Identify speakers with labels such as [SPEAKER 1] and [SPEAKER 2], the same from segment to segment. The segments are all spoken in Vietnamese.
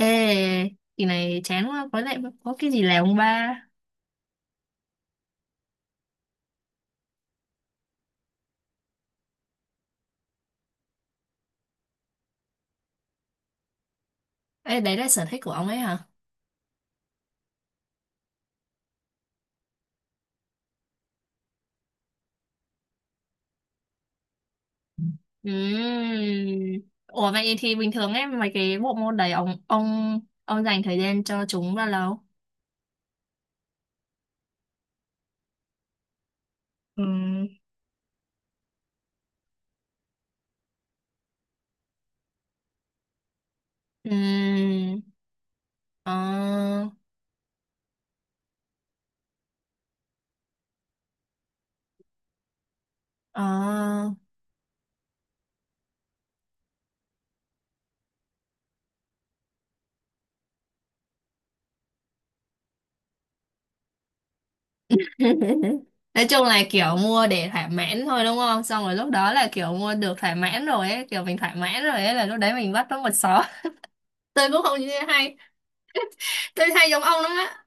[SPEAKER 1] Ê, kỳ này chán quá, có lẽ có cái gì làm không ba? Ê, đấy là sở thích của ông ấy hả? Ừm. Ủa vậy thì bình thường ấy, mấy cái bộ môn đấy ông dành thời gian cho chúng bao lâu? Ừ. Ừm. Ờ, ờ. Nói chung là kiểu mua để thỏa mãn thôi đúng không? Xong rồi lúc đó là kiểu mua được thỏa mãn rồi ấy, kiểu mình thỏa mãn rồi ấy là lúc đấy mình bắt nó một xó. Tôi cũng không như thế hay, tôi hay giống ông lắm á.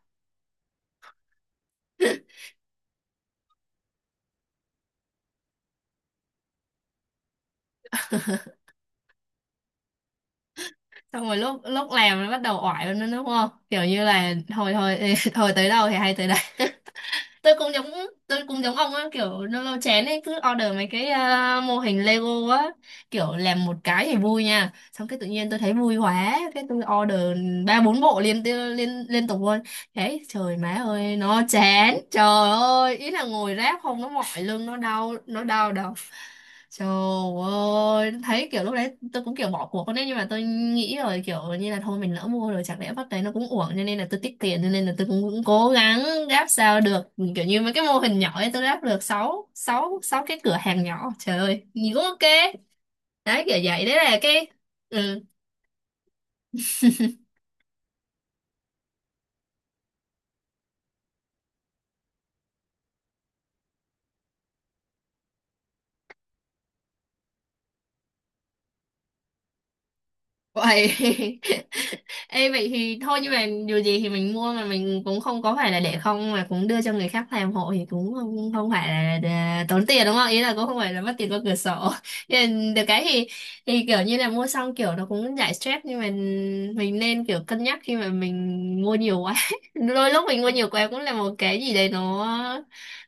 [SPEAKER 1] Xong rồi lúc lúc làm nó bắt đầu oải lên nữa đúng không, kiểu như là thôi thôi thôi tới đâu thì hay tới đấy. tôi cũng giống tôi cũng giống ông á, kiểu lâu lâu chén ấy cứ order mấy cái mô hình Lego á, kiểu làm một cái thì vui nha, xong cái tự nhiên tôi thấy vui quá cái tôi order ba bốn bộ liên liên liên tục luôn. Thế trời má ơi nó chán, trời ơi, ý là ngồi ráp không nó mỏi lưng nó đau đầu. Trời ơi, thấy kiểu lúc đấy tôi cũng kiểu bỏ cuộc con đấy, nhưng mà tôi nghĩ rồi kiểu như là thôi mình lỡ mua rồi chẳng lẽ bắt đấy nó cũng uổng, cho nên là tôi tiết kiệm, cho nên là tôi cũng cố gắng ráp sao được, kiểu như mấy cái mô hình nhỏ ấy tôi ráp được sáu sáu sáu cái cửa hàng nhỏ, trời ơi nhìn cũng ok. Đấy, kiểu vậy đấy là cái, ừ, vậy. Ê vậy thì thôi, nhưng mà dù gì thì mình mua mà mình cũng không có phải là để không mà cũng đưa cho người khác làm hộ, thì cũng không phải là tốn tiền đúng không? Ý là cũng không phải là mất tiền qua cửa sổ. Nhưng được cái thì kiểu như là mua xong kiểu nó cũng giải stress, nhưng mà mình nên kiểu cân nhắc khi mà mình mua nhiều quá. Đôi lúc mình mua nhiều quá cũng là một cái gì đấy, nó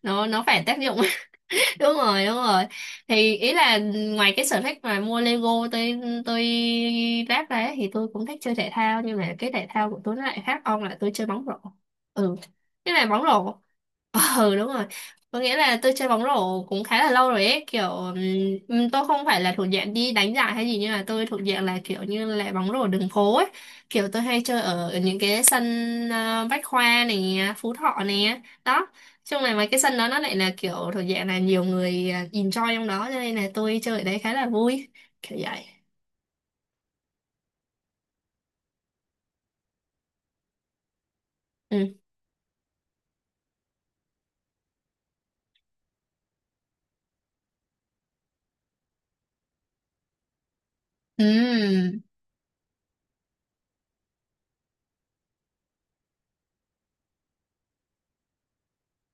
[SPEAKER 1] nó nó phải tác dụng. Đúng rồi, đúng rồi, thì ý là ngoài cái sở thích mà mua Lego tôi ráp ra ấy, thì tôi cũng thích chơi thể thao, nhưng mà cái thể thao của tôi nó lại khác ông là tôi chơi bóng rổ. Ừ, cái là bóng rổ. Ừ, đúng rồi, có nghĩa là tôi chơi bóng rổ cũng khá là lâu rồi ấy, kiểu tôi không phải là thuộc dạng đi đánh giải hay gì, nhưng mà tôi thuộc dạng là kiểu như là bóng rổ đường phố ấy, kiểu tôi hay chơi ở những cái sân Bách Khoa này, Phú Thọ này đó, trong này mấy cái sân đó nó lại là kiểu thuộc dạng là nhiều người enjoy trong đó, cho nên là tôi chơi ở đấy khá là vui, kiểu vậy. Ừ. Ừm.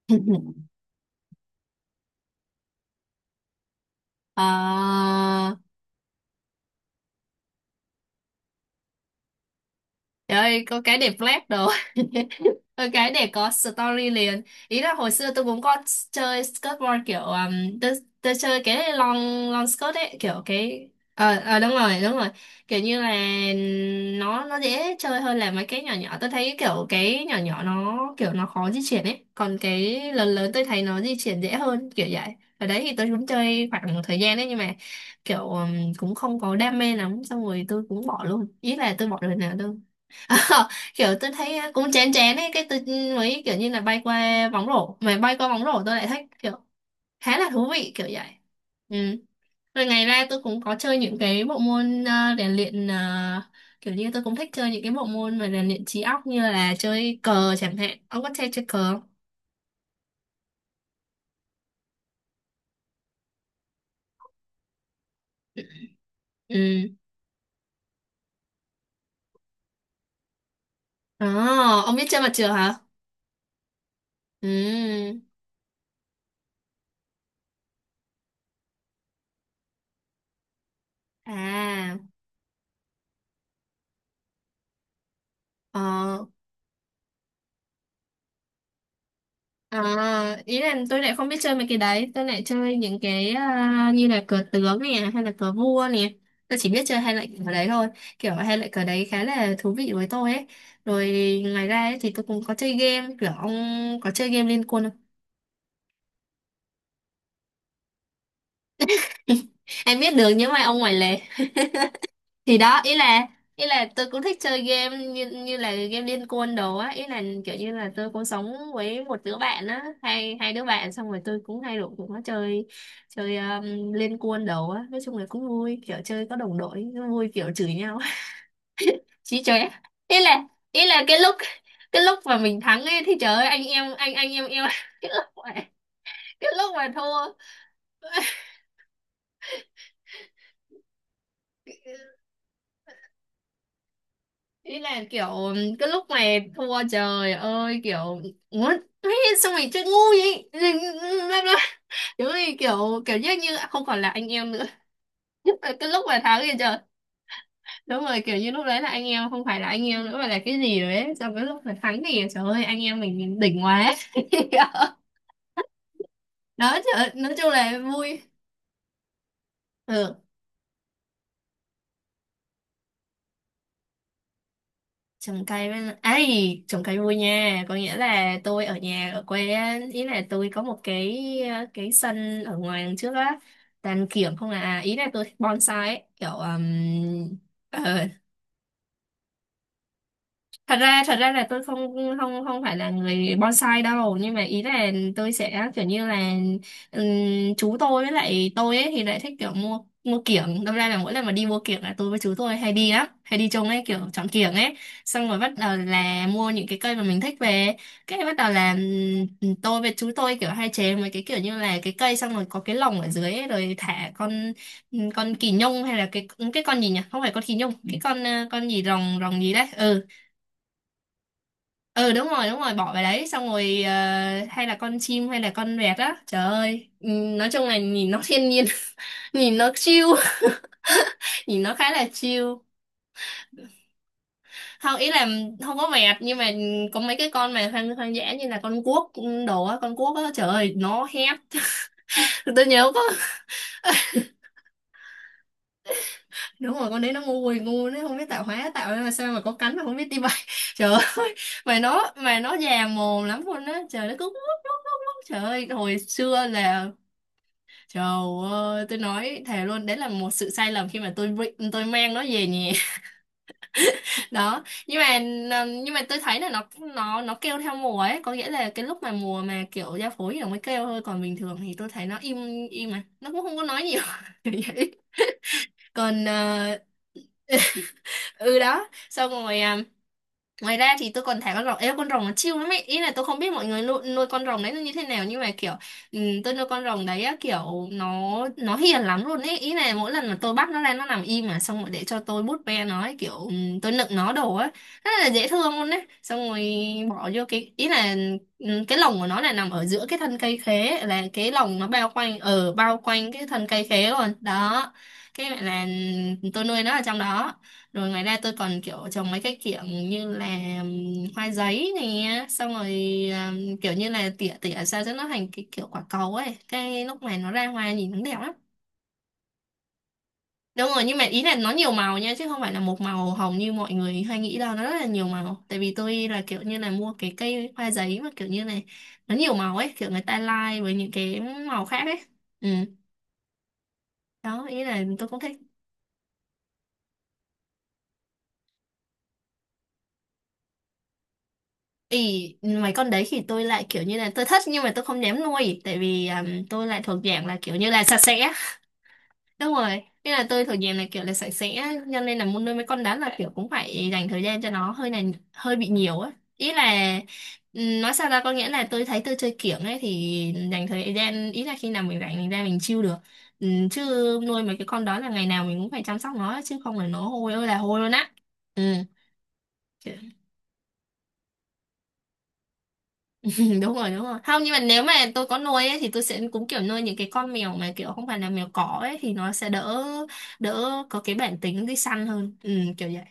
[SPEAKER 1] Ờ, trời ơi có cái đẹp flash đồ. Ừ, cái để có story liền, ý là hồi xưa tôi cũng có chơi skateboard, kiểu tôi chơi cái long long skirt ấy, kiểu cái, ờ ờ, đúng rồi đúng rồi, kiểu như là nó dễ chơi hơn là mấy cái nhỏ nhỏ, tôi thấy kiểu cái nhỏ nhỏ nó kiểu nó khó di chuyển ấy, còn cái lớn lớn tôi thấy nó di chuyển dễ hơn, kiểu vậy. Ở đấy thì tôi cũng chơi khoảng một thời gian đấy, nhưng mà kiểu cũng không có đam mê lắm, xong rồi tôi cũng bỏ luôn, ý là tôi bỏ rồi nào. Ờ, kiểu tôi thấy á, cũng chén chén ấy, cái tôi mới kiểu như là bay qua bóng rổ, mà bay qua bóng rổ tôi lại thấy kiểu khá là thú vị, kiểu vậy. Ừ. Rồi ngày ra tôi cũng có chơi những cái bộ môn rèn luyện, kiểu như tôi cũng thích chơi những cái bộ môn mà rèn luyện trí óc như là chơi cờ chẳng hạn, ông có chơi chơi cờ không? Ừ. Ồ, ông biết chơi mặt trượt hả? Ừ. À, ờ. À, ý là tôi lại không biết chơi mấy cái đấy, tôi lại chơi những cái như là cờ tướng nè hay là cờ vua nè, tôi chỉ biết chơi hai loại cờ đấy thôi, kiểu hai loại cờ đấy khá là thú vị với tôi ấy. Rồi ngoài ra ấy, thì tôi cũng có chơi game, kiểu ông có chơi game Liên Quân không? Em biết được những bài ông ngoài lề thì đó, ý là tôi cũng thích chơi game như như là game Liên Quân đồ á, ý là kiểu như là tôi cũng sống với một đứa bạn á, hai hai đứa bạn, xong rồi tôi cũng hay rủ cũng có chơi chơi Liên Quân đồ á, nói chung là cũng vui, kiểu chơi có đồng đội nó vui, kiểu chửi nhau. Chí chơi á. ý là ý là cái lúc mà mình thắng ấy thì trời ơi anh em, anh em yêu. cái lúc mà cái lúc mà thua, ý là kiểu cái lúc này thua trời ơi kiểu muốn ấy, xong rồi chơi ngu vậy. Rồi, bla bla, đúng rồi, kiểu kiểu như như không còn là anh em nữa. Nhất là cái lúc mà thắng thì trời, đúng rồi, kiểu như lúc đấy là anh em không phải là anh em nữa mà là cái gì rồi đấy, xong cái lúc mà thắng thì trời ơi anh em mình đỉnh quá. Đó, trời ơi, nói chung là vui. Ừ. Trồng cây với lại- ấy, trồng cây vui nha, có nghĩa là tôi ở nhà ở quê á, ý là tôi có một cái cái sân ở ngoài đằng trước á, tàn kiểm không à, ý là tôi thích bonsai ấy, kiểu thật ra là tôi không, không phải là người bonsai đâu, nhưng mà ý là tôi sẽ kiểu như là chú tôi với lại tôi ấy thì lại thích kiểu mua mua kiểng, đâm ra là mỗi lần mà đi mua kiểng là tôi với chú tôi hay đi lắm, hay đi chung ấy, kiểu chọn kiểng ấy, xong rồi bắt đầu là mua những cái cây mà mình thích về, cái bắt đầu là tôi với chú tôi kiểu hay chế mấy cái kiểu như là cái cây xong rồi có cái lồng ở dưới ấy, rồi thả con kỳ nhung, hay là cái con gì nhỉ, không phải con kỳ nhung, cái con con gì, rồng rồng gì đấy, ừ, ừ đúng rồi đúng rồi, bỏ về đấy xong rồi hay là con chim hay là con vẹt á, trời ơi. Nói chung là nhìn nó thiên nhiên, nhìn nó chill, nhìn nó khá là chill. Không, ý là không có vẹt, nhưng mà có mấy cái con mà hoang hoang dã như là con cuốc đồ á, con cuốc á trời ơi nó hét. Tôi nhớ có, đúng rồi con đấy nó ngu quỳ ngu, nó không biết tạo hóa tạo ra mà sao mà có cánh mà không biết đi bay. Trời ơi, mà nó già mồm lắm luôn á trời, nó cứ lúc lúc lúc lúc trời ơi hồi xưa là, trời ơi, tôi nói thề luôn, đấy là một sự sai lầm khi mà tôi mang nó về nhà. Đó, nhưng mà tôi thấy là nó nó kêu theo mùa ấy, có nghĩa là cái lúc mà mùa mà kiểu giao phối thì nó mới kêu thôi, còn bình thường thì tôi thấy nó im im mà, nó cũng không có nói nhiều. Kiểu vậy. Còn ừ đó, xong rồi à, ngoài ra thì tôi còn thả con rồng, ê con rồng nó chill lắm ấy, ý là tôi không biết mọi người nuôi con rồng đấy nó như thế nào, nhưng mà kiểu ừ, tôi nuôi con rồng đấy á, kiểu nó hiền lắm luôn ấy, ý là mỗi lần mà tôi bắt nó ra nó nằm im mà, xong rồi để cho tôi bút ve nó ấy, kiểu ừ, tôi nựng nó đồ á, rất là dễ thương luôn đấy, xong rồi bỏ vô cái ý là ừ, cái lồng của nó là nằm ở giữa cái thân cây khế, là cái lồng nó bao quanh cái thân cây khế luôn đó, cái là ừ, tôi nuôi nó ở trong đó. Rồi ngoài ra tôi còn kiểu trồng mấy cái kiểu như là hoa giấy nè. Xong rồi kiểu như là tỉa tỉa sao cho nó thành cái kiểu quả cầu ấy. Cái lúc này nó ra hoa nhìn nó đẹp lắm. Đúng rồi, nhưng mà ý là nó nhiều màu nha. Chứ không phải là một màu hồng như mọi người hay nghĩ đâu. Nó rất là nhiều màu. Tại vì tôi là kiểu như là mua cái cây hoa giấy mà kiểu như này, nó nhiều màu ấy. Kiểu người ta lai với những cái màu khác ấy. Ừ, đó, ý là tôi cũng thích. Ý, mấy con đấy thì tôi lại kiểu như là tôi thích nhưng mà tôi không dám nuôi, tại vì tôi lại thuộc dạng là kiểu như là sạch sẽ, đúng rồi, nên là tôi thuộc dạng là kiểu là sạch sẽ, cho nên là muốn nuôi mấy con đó là kiểu cũng phải dành thời gian cho nó hơi này, hơi bị nhiều á. Ý là nói sao ra, có nghĩa là tôi thấy tôi chơi kiểng ấy, thì dành thời gian, ý là khi nào mình rảnh mình ra mình chill được. Chứ nuôi mấy cái con đó là ngày nào mình cũng phải chăm sóc nó, chứ không là nó hôi ơi là hôi luôn á. Ừ. Ừ, đúng rồi, đúng rồi, không, nhưng mà nếu mà tôi có nuôi ấy, thì tôi sẽ cũng kiểu nuôi những cái con mèo mà kiểu không phải là mèo cỏ ấy, thì nó sẽ đỡ, đỡ có cái bản tính đi săn hơn. Ừ, kiểu vậy.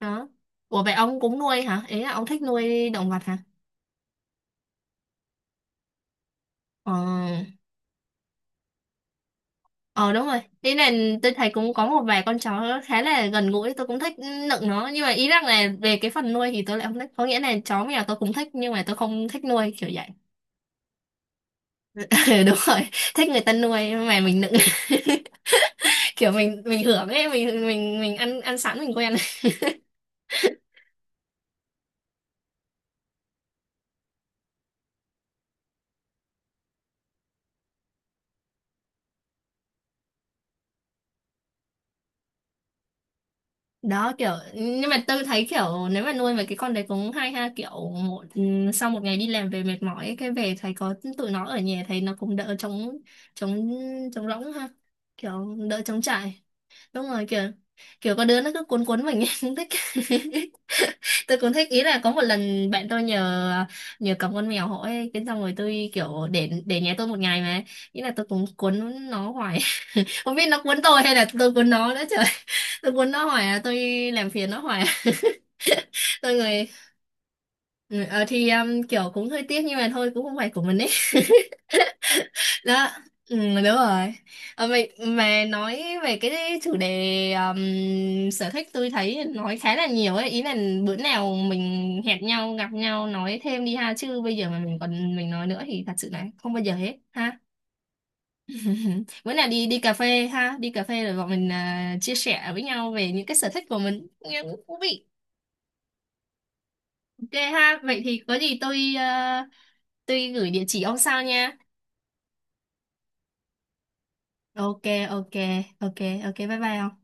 [SPEAKER 1] Đó. Ủa, vậy ông cũng nuôi hả, ý là ông thích nuôi động vật hả? Ờ. Ờ, đúng rồi, ý là tôi thấy cũng có một vài con chó khá là gần gũi, tôi cũng thích nựng nó, nhưng mà ý rằng là về cái phần nuôi thì tôi lại không thích. Có nghĩa là chó mèo tôi cũng thích nhưng mà tôi không thích nuôi, kiểu vậy. Ừ, đúng rồi, thích người ta nuôi mà mình nựng, kiểu mình hưởng ấy, mình ăn ăn sẵn mình quen. Đó, kiểu nhưng mà tôi thấy kiểu nếu mà nuôi mấy cái con đấy cũng hay ha, kiểu một, ừ, sau một ngày đi làm về mệt mỏi ấy, cái về thấy có tụi nó ở nhà thấy nó cũng đỡ trống, trống, trống rỗng ha, kiểu đỡ trống trải. Đúng rồi, kiểu kiểu có đứa nó cứ cuốn cuốn mình ấy, cũng thích. Tôi cũng thích, ý là có một lần bạn tôi nhờ nhờ cầm con mèo hỏi cái, xong rồi tôi kiểu để nhà tôi một ngày mà ý là tôi cũng cuốn nó hoài, không biết nó cuốn tôi hay là tôi cuốn nó nữa trời. Tôi cuốn nó hoài à, tôi làm phiền nó hoài à. Tôi người, ừ, ờ, thì kiểu cũng hơi tiếc nhưng mà thôi cũng không phải của mình ấy. Đó. Ừ, đúng rồi. Ờ, mày mà nói về cái chủ đề sở thích tôi thấy nói khá là nhiều ấy, ý là bữa nào mình hẹn nhau gặp nhau nói thêm đi ha, chứ bây giờ mà mình còn mình nói nữa thì thật sự là không bao giờ hết ha. Bữa nào đi đi cà phê ha, đi cà phê rồi bọn mình à, chia sẻ với nhau về những cái sở thích của mình. Nghe cũng thú vị. Ok ha, vậy thì có gì tôi à, tôi gửi địa chỉ ông sao nha. Ok. Ok ok ok, bye bye ông.